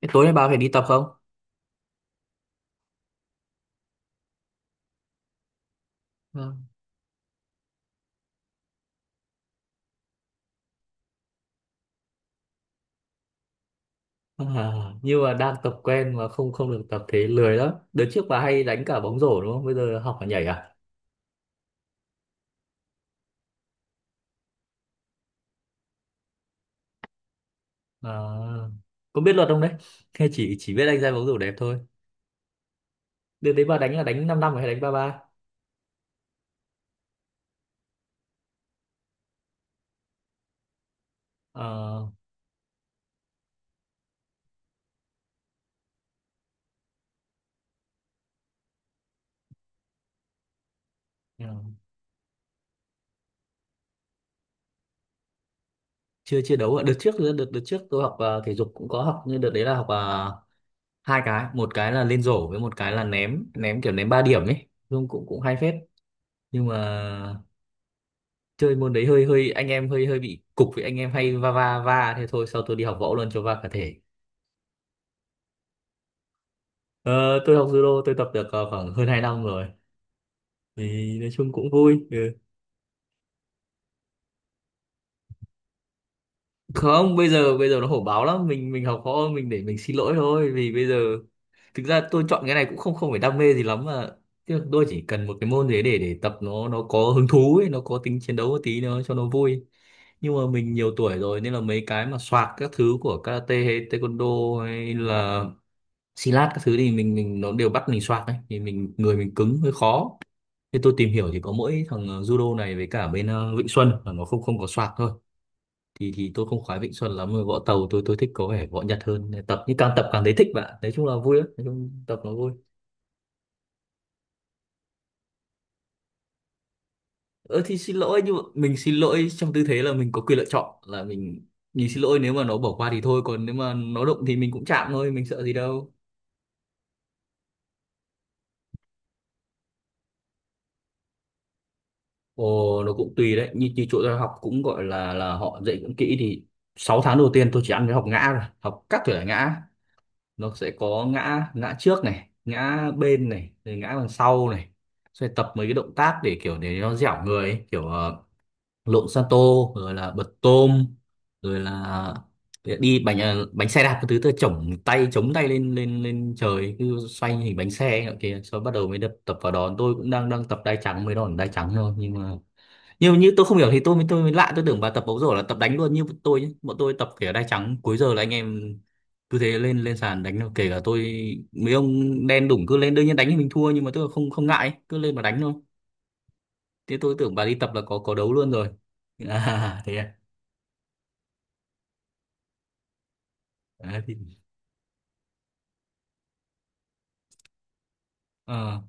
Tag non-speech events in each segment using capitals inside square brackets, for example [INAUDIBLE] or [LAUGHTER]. Thế tối nay bà phải đi tập không? Vâng. À, nhưng mà đang tập quen mà không không được tập, thế lười lắm. Đợt trước bà hay đánh cả bóng rổ đúng không? Bây giờ học cả nhảy à? À, có biết luật không đấy? Hay chỉ biết đánh ra bóng rổ đẹp thôi. Đợt đấy bà đánh là đánh 5 năm rồi hay đánh ba 3? À, chưa chưa đấu ạ. Đợt trước đợt đợt trước tôi học thể dục cũng có học nhưng đợt đấy là học hai cái, một cái là lên rổ với một cái là ném ném kiểu ném 3 điểm ấy. Nhưng cũng cũng hay phết. Nhưng mà chơi môn đấy hơi hơi anh em, hơi hơi bị cục với anh em hay va va va thế thôi, sau tôi đi học võ luôn cho va cả thể. Ờ, tôi học judo, tôi tập được khoảng hơn 2 năm rồi thì nói chung cũng vui, ừ. Không, bây giờ nó hổ báo lắm, mình học võ mình để mình xin lỗi thôi, vì bây giờ thực ra tôi chọn cái này cũng không không phải đam mê gì lắm mà. Tức là tôi chỉ cần một cái môn gì đấy để tập, nó có hứng thú ấy, nó có tính chiến đấu một tí nó cho nó vui. Nhưng mà mình nhiều tuổi rồi nên là mấy cái mà soạt các thứ của karate hay taekwondo hay là xi lát các thứ thì mình nó đều bắt mình xoạc ấy, thì mình người mình cứng hơi khó. Thế tôi tìm hiểu thì có mỗi thằng judo này với cả bên Vịnh Xuân là nó không không có xoạc thôi. Thì tôi không khoái Vịnh Xuân lắm mà võ tàu, tôi thích có vẻ võ Nhật hơn. Nên tập nhưng càng tập càng thấy thích bạn, nói chung là vui lắm, nói chung tập nó vui. Ơ thì xin lỗi, nhưng mà mình xin lỗi trong tư thế là mình có quyền lựa chọn là mình xin lỗi nếu mà nó bỏ qua thì thôi, còn nếu mà nó đụng thì mình cũng chạm thôi, mình sợ gì đâu. Ồ, nó cũng tùy đấy, như chỗ tôi học cũng gọi là họ dạy cũng kỹ thì 6 tháng đầu tiên tôi chỉ ăn cái học ngã, rồi học các thể loại ngã. Nó sẽ có ngã ngã trước này, ngã bên này, rồi ngã đằng sau này. Rồi tập mấy cái động tác để kiểu để nó dẻo người ấy. Kiểu lộn san tô, rồi là bật tôm, rồi là đi bánh xe đạp cái thứ, tôi chổng tay, chống tay lên lên lên trời cứ xoay hình bánh xe ấy nọ kia, sau bắt đầu mới đập tập vào đòn. Tôi cũng đang đang tập đai trắng, mới đòn đai trắng thôi, nhưng mà nhưng như tôi không hiểu thì tôi mới lạ, tôi tưởng bà tập bóng rổ là tập đánh luôn như bọn tôi nhé, bọn tôi tập kể đai trắng cuối giờ là anh em cứ thế lên lên sàn đánh thôi. Kể cả tôi mấy ông đen đủng cứ lên đương nhiên đánh thì mình thua nhưng mà tôi không không ngại ấy, cứ lên mà đánh thôi. Thế tôi tưởng bà đi tập là có đấu luôn rồi. [LAUGHS] À, thế à. À thì ờ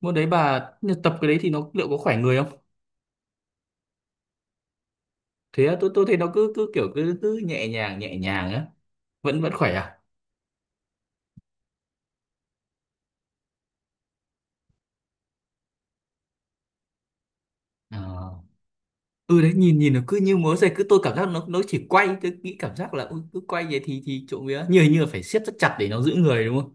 môn đấy bà tập cái đấy thì nó liệu có khỏe người không? Thế à, tôi thấy nó cứ cứ kiểu cứ cứ nhẹ nhàng á. Vẫn vẫn khỏe à? Ờ. Ừ đấy, nhìn nhìn nó cứ như múa dây cứ, tôi cảm giác nó chỉ quay, tôi nghĩ cảm giác là ui, cứ quay vậy thì trộm vía như như là phải siết rất chặt để nó giữ người, đúng không?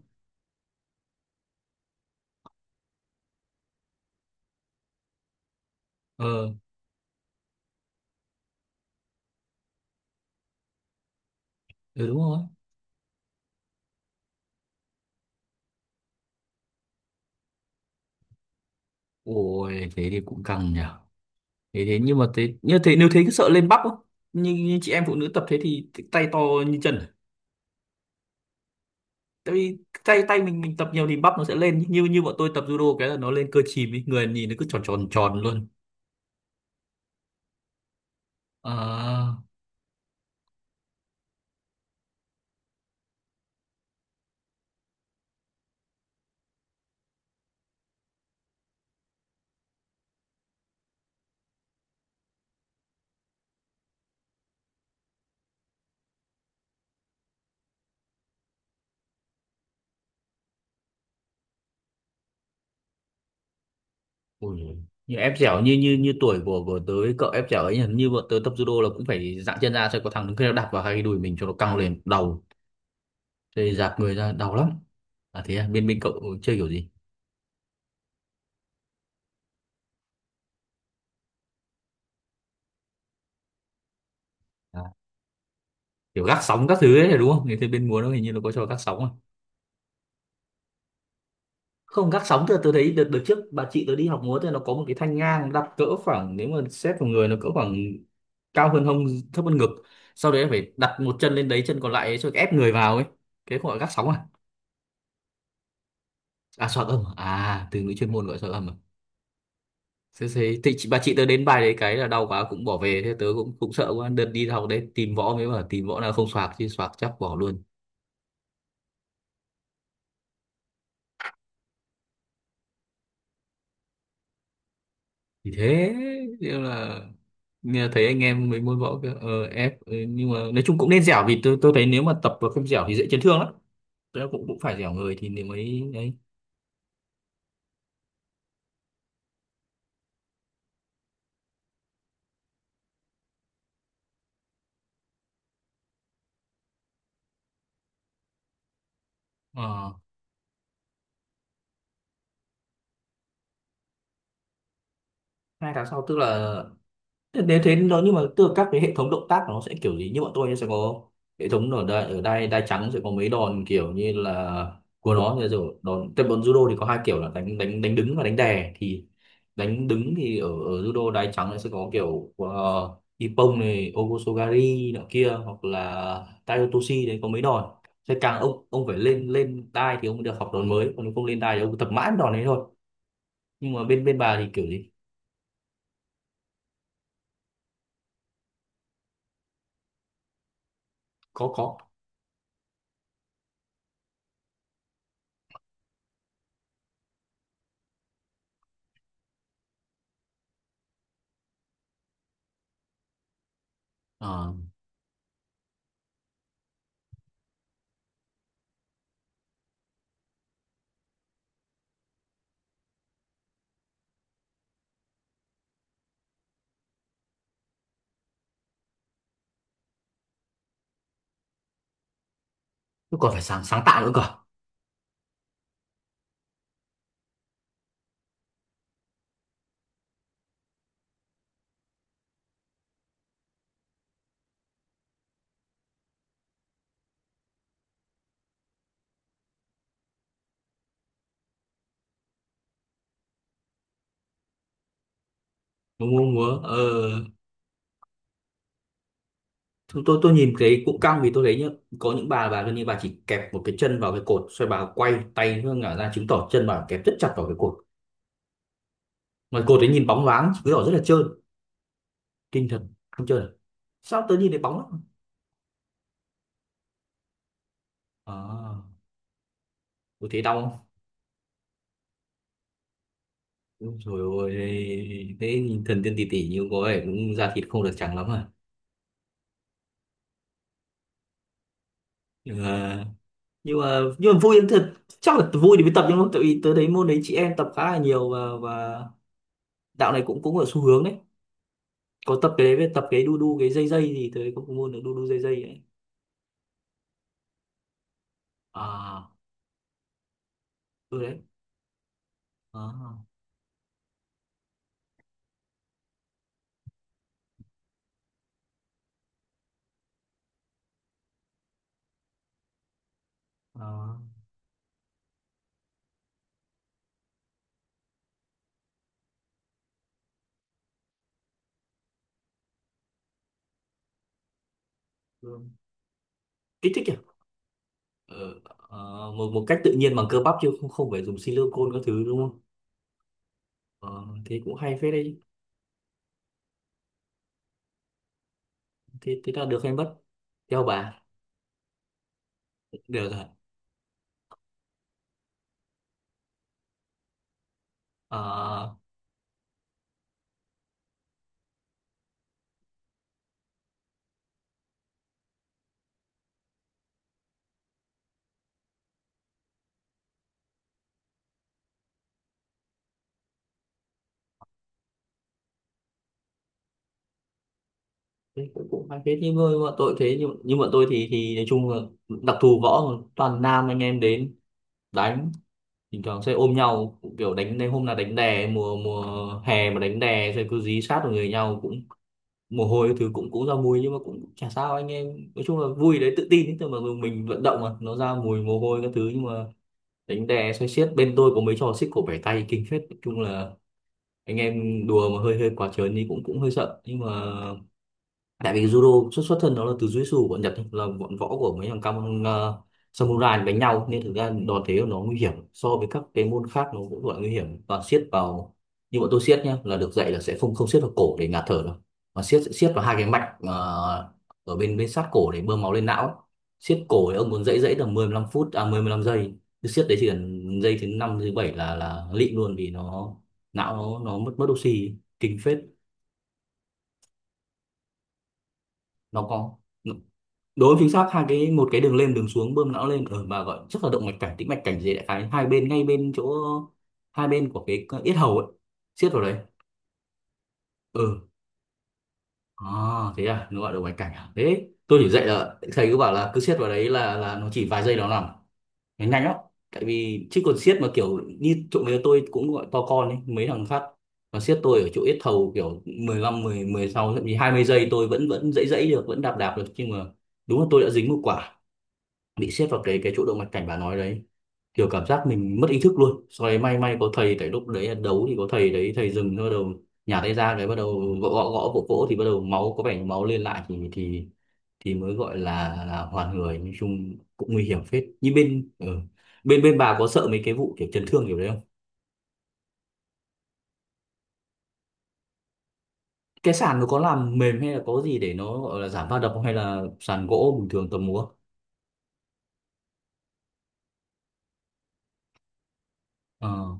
Ờ. Ừ, đúng rồi. Ôi thế thì cũng căng nhỉ. Thế thế nhưng mà thế, như thế, nếu thế cứ sợ lên bắp không? Như chị em phụ nữ tập thế thì tay to như chân à? Tại vì tay tay mình tập nhiều thì bắp nó sẽ lên, như như bọn tôi tập judo cái là nó lên cơ chìm ý, người nhìn nó cứ tròn tròn tròn luôn. À. Ui, như ép dẻo như như như tuổi của tớ cậu ép dẻo ấy, hình như bọn tớ tập judo là cũng phải dạng chân ra cho có thằng đứng kia nó đạp vào hai cái đùi mình cho nó căng lên đầu, thế dạt người ra đau lắm. À thế à, bên bên cậu chơi kiểu gì? À, kiểu gác sóng các thứ ấy là đúng không? Thế bên múa nó hình như nó có cho gác sóng à? Không, gác sóng thì tớ thấy đợt đợt trước bà chị tớ đi học múa thì nó có một cái thanh ngang đặt cỡ khoảng, nếu mà xét vào người nó cỡ khoảng cao hơn hông, thấp hơn ngực, sau đấy phải đặt một chân lên đấy, chân còn lại ấy, cho ép người vào ấy. Cái gọi là gác sóng à? À, soạn âm à. À, từ ngữ chuyên môn gọi soạn âm à? Thế thì chị, bà chị tớ đến bài đấy cái là đau quá cũng bỏ về. Thế tớ cũng cũng sợ quá, đợt đi học đấy tìm võ mới bảo tìm võ nào không soạc, chứ soạc chắc bỏ luôn. Thì thế, nhưng là nghe thấy anh em mấy môn võ kia ép nhưng mà nói chung cũng nên dẻo, vì tôi thấy nếu mà tập và không dẻo thì dễ chấn thương lắm. Tớ cũng cũng phải dẻo người thì nếu mới đấy. Ờ. 2 tháng sau tức là nếu thế nó, nhưng mà tức là các cái hệ thống động tác của nó sẽ kiểu gì, như bọn tôi nhá, sẽ có hệ thống. Ở đây đai trắng sẽ có mấy đòn kiểu như là của nó, rồi rồi đòn, tại bọn judo thì có hai kiểu là đánh đánh đánh đứng và đánh đè. Thì đánh đứng thì ở judo đai trắng nó sẽ có kiểu ippon này, ogosogari nọ kia, hoặc là taiyotoshi đấy có mấy đòn. Sẽ càng ông phải lên lên đai thì ông mới được học đòn mới, còn nếu không lên đai thì ông tập mãi đòn đấy thôi. Nhưng mà bên bên bà thì kiểu gì? Có, có. Ờ. Chứ còn phải sáng sáng tạo nữa cơ. Mua mua múa ờ Tôi, tôi nhìn cái cụm căng, vì tôi thấy nhá, có những bà gần như bà chỉ kẹp một cái chân vào cái cột xoay, bà quay tay hướng ngả ra chứng tỏ chân bà kẹp rất chặt vào cái cột. Mà cột ấy nhìn bóng loáng chứng tỏ rất là trơn, kinh thật. Không trơn à? Sao tớ nhìn thấy bóng lắm. À. Tôi thấy đau không? Ôi trời ơi, thế nhìn thần tiên tỷ tỷ như có vẻ cũng da thịt không được trắng lắm à? Nhưng mà, nhưng mà vui lắm thật. Chắc là vui thì mới tập, nhưng mà tại vì tớ thấy môn đấy chị em tập khá là nhiều, và đạo này cũng cũng ở xu hướng đấy, có tập cái đấy với tập cái đu đu cái dây dây gì, tới có môn là đu đu dây dây ấy. À, ừ đấy. À, à, ừ. Kích thích nhỉ. Ờ, một một cách tự nhiên bằng cơ bắp chứ không không phải dùng silicone các thứ, đúng không? Ờ, thế cũng hay phết đấy. Thế thế là được hay mất, theo bà? Được rồi. À, thế cũng cũng hay phết, nhưng mà nhưng mà tôi thì nói chung là đặc thù võ mà toàn nam, anh em đến đánh bình thường sẽ ôm nhau, kiểu đánh đến hôm nào đánh đè, mùa mùa hè mà đánh đè rồi cứ dí sát vào người nhau, cũng mồ hôi cái thứ cũng cũng ra mùi, nhưng mà cũng chả sao. Anh em nói chung là vui đấy, tự tin ấy thôi, mà mình vận động mà nó ra mùi mồ hôi các thứ. Nhưng mà đánh đè xoay xiết bên tôi có mấy trò xích cổ bẻ tay kinh phết, nói chung là anh em đùa mà hơi hơi quá trớn thì cũng cũng hơi sợ. Nhưng mà tại vì judo xuất xuất thân nó là từ jujitsu bọn Nhật ấy, là bọn võ của mấy thằng cam samurai đánh nhau, nên thực ra đòn thế của nó nguy hiểm so với các cái môn khác, nó cũng gọi nguy hiểm, toàn siết vào. Như bọn tôi siết nhá, là được dạy là sẽ không không siết vào cổ để ngạt thở đâu, mà siết sẽ siết vào hai cái mạch ở bên bên sát cổ để bơm máu lên não ấy. Siết cổ thì ông muốn dãy dãy tầm 15 phút, à 15 giây, cứ siết đấy chỉ cần giây thứ năm thứ bảy là lịm luôn, vì nó não nó mất mất oxy kinh phết. Nó có đối chính xác hai cái, một cái đường lên đường xuống bơm não lên ở, mà gọi chắc là động mạch cảnh, tĩnh mạch cảnh gì, đại khái hai bên ngay bên chỗ hai bên của cái yết hầu ấy, siết vào đấy. Ừ. À, thế à, nó gọi động mạch cảnh à? Thế tôi chỉ dạy là thầy cứ bảo là cứ siết vào đấy là nó chỉ vài giây nó nằm, nó nhanh lắm. Tại vì chứ còn siết mà kiểu như chỗ người tôi cũng gọi to con ấy, mấy thằng khác mà siết tôi ở chỗ yết hầu kiểu mười lăm, mười mười 16 thậm chí 20 giây tôi vẫn vẫn dãy dãy được, vẫn đạp đạp được. Nhưng mà đúng là tôi đã dính một quả bị xếp vào cái chỗ động mạch cảnh bà nói đấy, kiểu cảm giác mình mất ý thức luôn. Sau đấy may có thầy, tại lúc đấy là đấu thì có thầy đấy, thầy dừng, bắt đầu nhả tay ra cái bắt đầu gõ gõ gõ vỗ vỗ, thì bắt đầu máu có vẻ như máu lên lại thì thì mới gọi là hoàn người. Nói chung cũng nguy hiểm phết. Như bên ừ, bên bên bà có sợ mấy cái vụ kiểu chấn thương kiểu đấy không? Cái sàn nó có làm mềm hay là có gì để nó gọi là giảm va đập không, hay là sàn gỗ bình thường tầm múa? Ờ.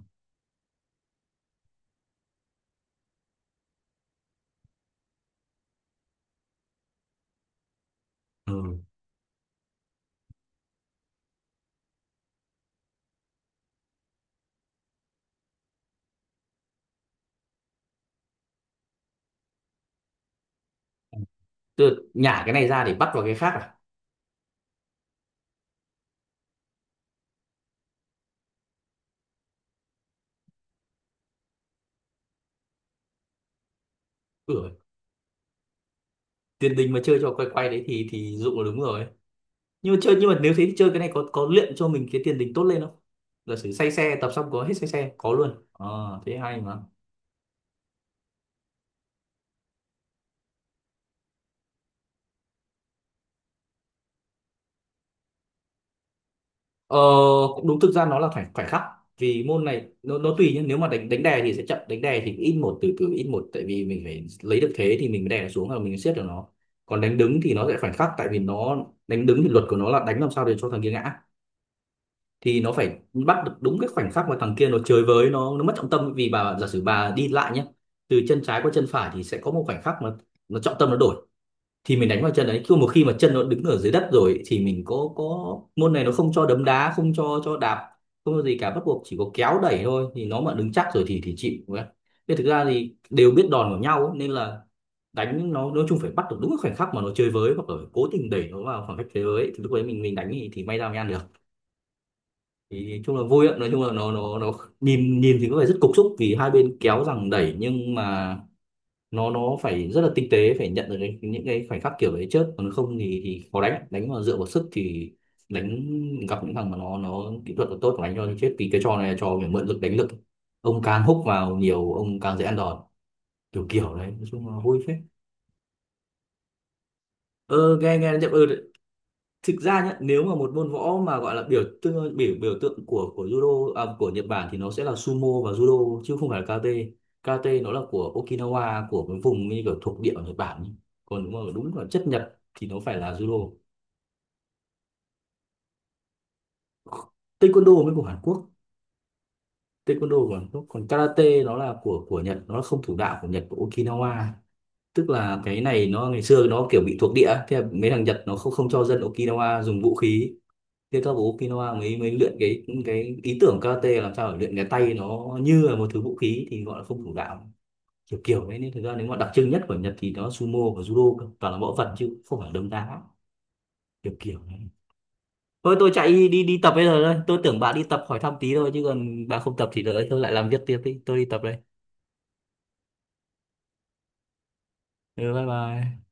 Ừ. Tức là nhả cái này ra để bắt vào cái khác à? Ừ. Tiền đình mà chơi cho quay quay đấy thì dụ là đúng rồi, nhưng mà chơi, nhưng mà nếu thế thì chơi cái này có luyện cho mình cái tiền đình tốt lên không? Giả sử say xe tập xong có hết say xe có luôn? Ờ thế hay mà. Ờ cũng đúng, thực ra nó là phải phải khắc, vì môn này nó tùy nhá. Nếu mà đánh đánh đè thì sẽ chậm, đánh đè thì ít một, từ từ ít một, tại vì mình phải lấy được thế thì mình mới đè nó xuống và mình siết được nó. Còn đánh đứng thì nó sẽ phải khắc, tại vì nó đánh đứng thì luật của nó là đánh làm sao để cho thằng kia ngã, thì nó phải bắt được đúng cái khoảnh khắc mà thằng kia nó chơi với, nó mất trọng tâm. Vì bà giả sử bà đi lại nhé, từ chân trái qua chân phải thì sẽ có một khoảnh khắc mà nó trọng tâm nó đổi, thì mình đánh vào chân đấy. Chứ một khi mà chân nó đứng ở dưới đất rồi thì mình có môn này nó không cho đấm đá, không cho đạp, không có gì cả, bắt buộc chỉ có kéo đẩy thôi, thì nó mà đứng chắc rồi thì chịu. Nên thực ra thì đều biết đòn của nhau ấy, nên là đánh nó nói chung phải bắt được đúng cái khoảnh khắc mà nó chơi với, hoặc là cố tình đẩy nó vào khoảng cách thế giới thì lúc đấy mình đánh thì may ra mới ăn được. Thì chung là vui ạ, nói chung là nó nhìn nhìn thì có vẻ rất cục xúc vì hai bên kéo rằng đẩy, nhưng mà nó phải rất là tinh tế, phải nhận được cái, những cái khoảnh khắc kiểu đấy trước, còn không thì, thì khó đánh. Đánh mà dựa vào sức thì đánh gặp những thằng mà nó kỹ thuật nó tốt mà đánh cho thì chết, vì cái trò này là trò phải mượn lực đánh lực, ông càng húc vào nhiều ông càng dễ ăn đòn. Kiểu kiểu đấy, nói chung là vui phết. Ơ nghe nghe nó chậm ừ. Thực ra nhá, nếu mà một môn võ mà gọi là biểu tượng biểu biểu tượng của judo à, của Nhật Bản thì nó sẽ là sumo và judo chứ không phải là karate. Karate nó là của Okinawa, của cái vùng như kiểu thuộc địa ở Nhật Bản ấy. Còn đúng mà đúng là chất Nhật thì nó phải là judo. Taekwondo mới của Hàn Quốc, taekwondo của Hàn Quốc, còn karate nó là của Nhật, nó là không thủ đạo của Nhật, của Okinawa. Tức là cái này nó ngày xưa nó kiểu bị thuộc địa, thế là mấy thằng Nhật nó không không cho dân Okinawa dùng vũ khí. Thế các bố Kinoa mới mới luyện cái ý tưởng karate, làm sao để luyện cái tay nó như là một thứ vũ khí, thì gọi là không thủ đạo. Kiểu kiểu đấy, nên thực ra nếu mà đặc trưng nhất của Nhật thì nó sumo và judo cơ, toàn là võ thuật chứ không phải đấm đá kiểu kiểu đấy. Thôi tôi chạy đi đi đi tập bây giờ đây, tôi tưởng bà đi tập hỏi thăm tí thôi, chứ còn bà không tập thì đợi tôi lại làm việc tiếp đi, tôi đi tập đây. Ừ, bye bye.